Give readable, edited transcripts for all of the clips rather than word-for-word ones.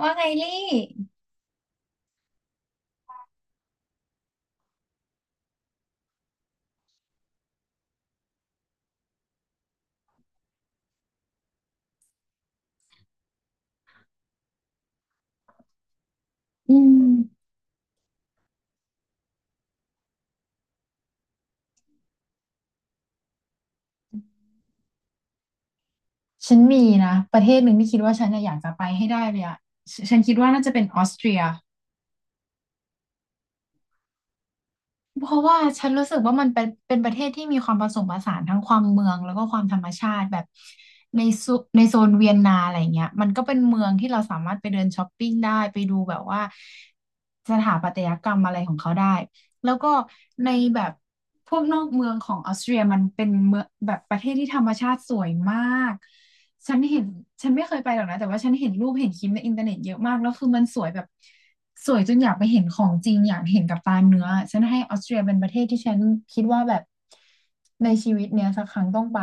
ว่าไงลี่อืมฉันมีนะประเทศหนึ่งที่คิดว่าฉันน่ะอยากจะไปให้ได้เลยอะฉันคิดว่าน่าจะเป็นออสเตรีย เพราะว่าฉันรู้สึกว่ามันเป็นประเทศที่มีความผสมผสานทั้งความเมืองแล้วก็ความธรรมชาติแบบในโซนเวียนนาอะไรเงี้ยมันก็เป็นเมืองที่เราสามารถไปเดินช้อปปิ้งได้ไปดูแบบว่าสถาปัตยกรรมอะไรของเขาได้ แล้วก็ในแบบพวกนอกเมืองของออสเตรียมันเป็นเมืองแบบประเทศที่ธรรมชาติสวยมากฉันเห็นฉันไม่เคยไปหรอกนะแต่ว่าฉันเห็นรูปเห็นคลิปในอินเทอร์เน็ตเยอะมากแล้วคือมันสวยแบบสวยจนอยากไปเห็นของจริงอยากเห็นกับตาเนื้อฉันให้ออสเตรียเป็นประเทศที่ฉันคิดว่าแบบในชีวิตเนี้ยสักครั้งต้องไป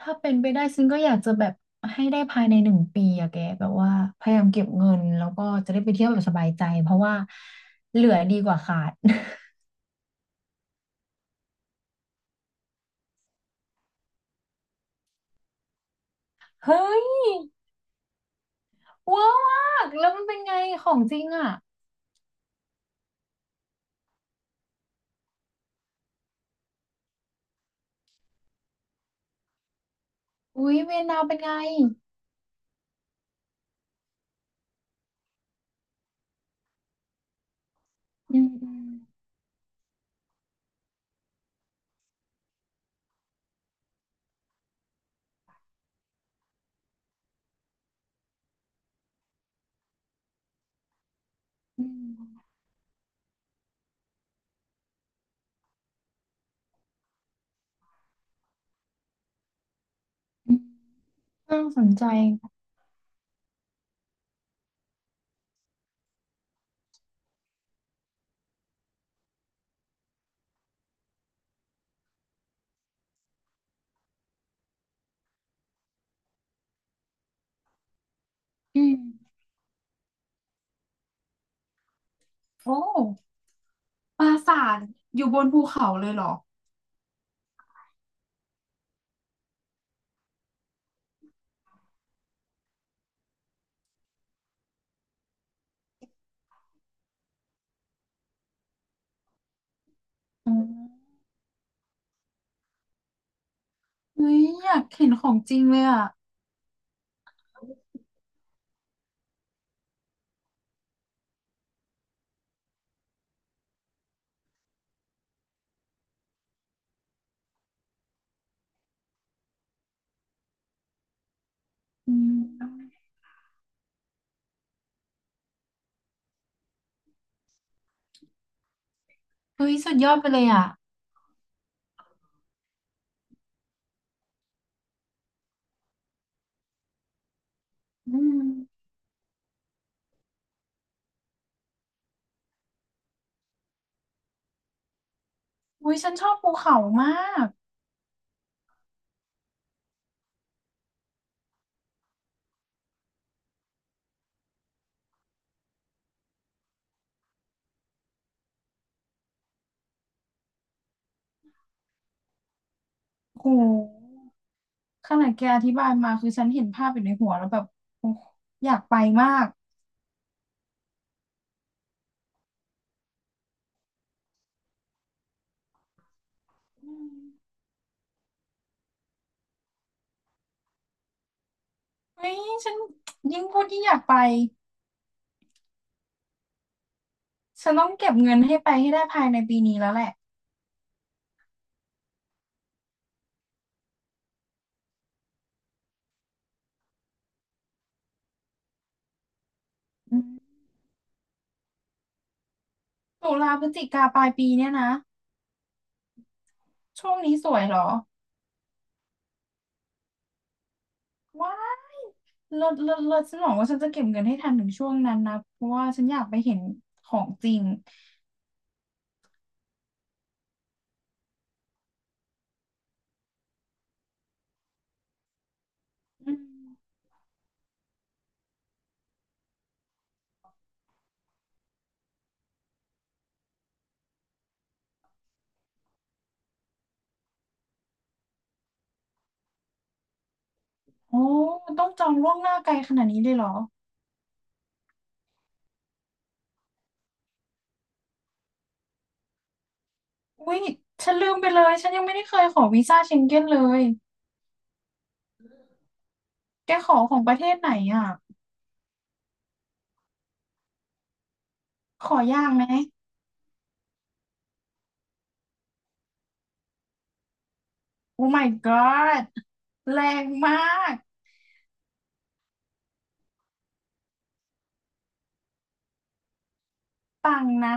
ถ้าเป็นไปได้ซึ่งก็อยากจะแบบให้ได้ภายใน1 ปีอะแกแบบว่าพยายามเก็บเงินแล้วก็จะได้ไปเที่ยวแบบสบายใจเพราะว่าเหลือดีกว่าขาด เฮ้ยเวอร์มากแล้วมันเป็นไงของจริงอ่ะอุ๊ยเวียนนาเป็นไงอืมอืมอืมอืมน่าสนใจอืมโอ้ปราสาทอยู่บนภูเขาเลยเหรออืมเฮ้ยอยากเห็นของจริงเลยอ่ะอืมเฮ้ยสุดยอดไปเลยอ่ะ อืมอุ้ยฉันชอบภูเขามากโหขนาดแกอธิบายมาคือฉันเห็นภาพอยู่ในหัวแล้วแบบโอ้อยากไปมาก เฮ้ยฉันยิ่งพูดยิ่งอยากไปฉันต้องเก็บเงินให้ไปให้ได้ภายในปีนี้แล้วแหละอืมตุลาพฤศจิกาปลายปีเนี่ยนะช่วงนี้สวยเหรอว้ายเลิศเลิศเลิศฉันบอกว่าฉันจะเก็บเงินให้ทันถึงช่วงนั้นนะเพราะว่าฉันอยากไปเห็นของจริงอืมโอ้ต้องจองล่วงหน้าไกลขนาดนี้เลยเหรออุ้ยฉันลืมไปเลยฉันยังไม่ได้เคยขอวีซ่าเชงเก้นเลยแกขอของประเทศไหนอ่ะขอยากไหมโอ้ my god แรงมาก ปังค์นะ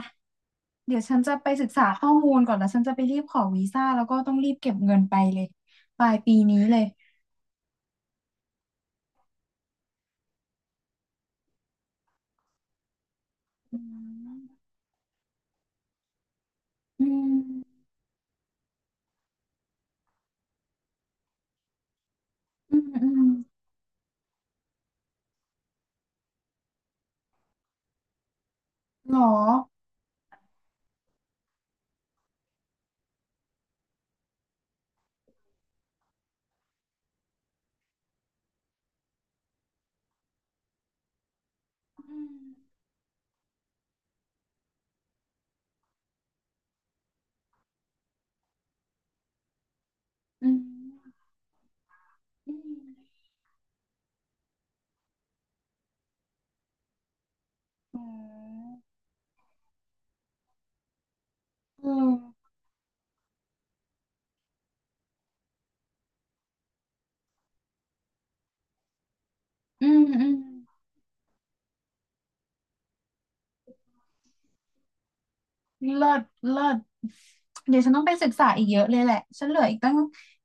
เดี๋ยวฉันจะไปศึกษาข้อมูลก่อนแล้วฉันจะไปรีบขอวีซ่าแล้วก็ต้องรีบเก็บเงินไปเลยปลายปีนี้เลยอือืมอืมอืมหรอ อืมอืมอืมอืมอืมอืม เลิศเลิศเดี๋ยวฉันต้องไปศึกษาอีกเยอะเลยแหละฉันเหลืออีกตั้ง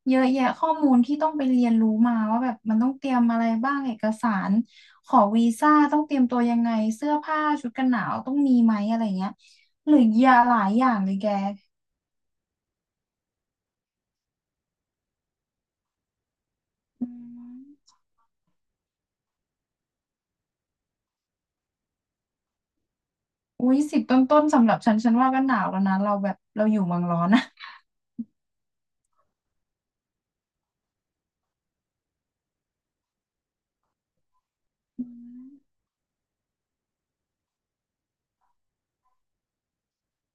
เยอะแยะข้อมูลที่ต้องไปเรียนรู้มาว่าแบบมันต้องเตรียมอะไรบ้างเอกสารขอวีซ่าต้องเตรียมตัวยังไงเสื้อผ้าชุดกันหนาวต้องมีไหมอะไรเงี้ยเหลือเยอะหลายอย่างเลยแกอืมอุ้ย10ต้นๆสำหรับฉันฉันว่าก็หนาวแล้วนะเราแบบเราอยู่เมืองร้อนนะอืม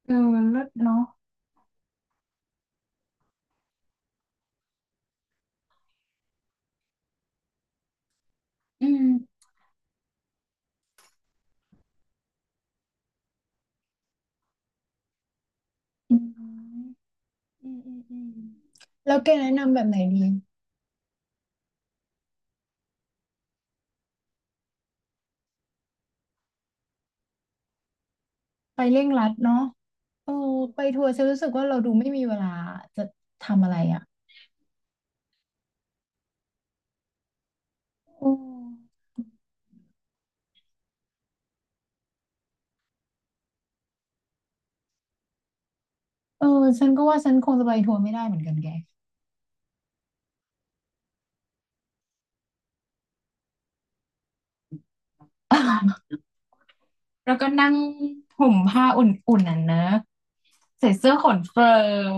เออเลิศเนาะอืมอืมอืมอืมอืมแล้วแกแนะนำแบบไหนดีไปเร่งรัดเนาะ เออไปทัวร์ฉันรู้สึกว่าเราดูไม่มีเวลาจะทำอะไรอ่ะโอ้เออฉันก็ว่าฉันคงจะไปทัวร์ไม่ได้เหมือนกันแก แล้วก็นั่งห่มผ้าอุ่นๆน่ะนะใส่เสื้อขนเฟิร์ม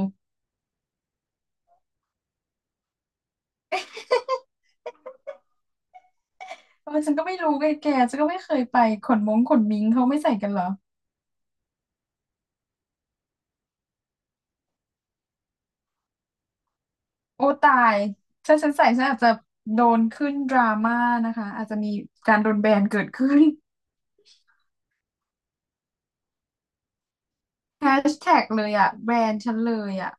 เออฉันก็ไม่รู้ไงแกฉันก็ไม่เคยไปขนมงขนมิงเขาไม่ใส่กันเหรอโอ้ตายถ้าฉันใส่ฉันอาจจะโดนขึ้นดราม่านะคะอาจจะมีการโดนแบนเกิดขึ้น แฮชแท็กเลยอ่ะแบนฉันเลยอ่ะ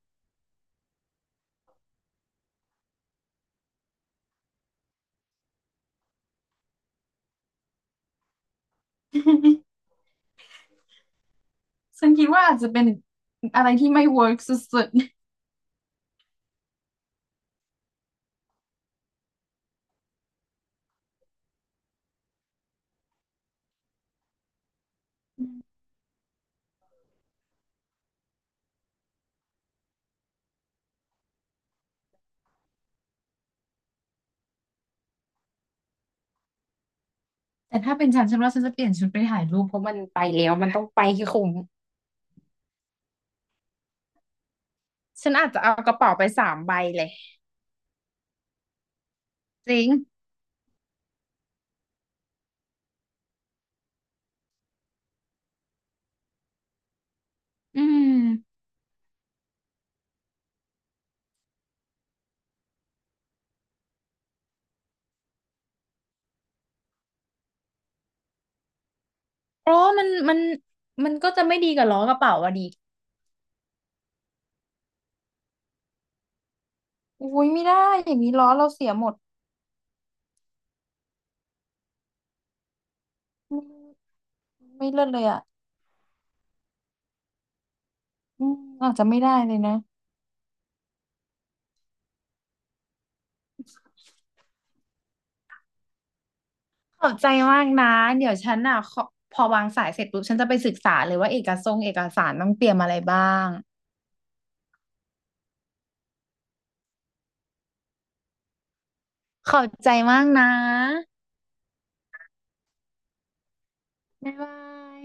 ฉันคิดว่าอาจจะเป็นอะไรที่ไม่ work สุดๆแต่ถ้าเป็นฉันฉันว่าฉันจะเปลี่ยนชุดไปถ่ายรูปเพราะมันไปแล้วมันต้องไปคือคุ้มฉันอาจจะเอากระเป๋าไป3 ใบเลยอืมเพราะว่ามันมันก็จะไม่ดีกับล้อกระเป๋าอะดโอ้ยไม่ได้อย่างนี้ล้อเราเสียหมดไม่ไม่เลิศเลยอ่ะอืมอาจจะไม่ได้เลยนะขอบใจมากนะเดี๋ยวฉันอ่ะขอพอวางสายเสร็จปุ๊บฉันจะไปศึกษาเลยว่าเอกสงค์เอกสารต้องเตรียมอะไรบ้างขอบใจมากนะบ๊ายบาย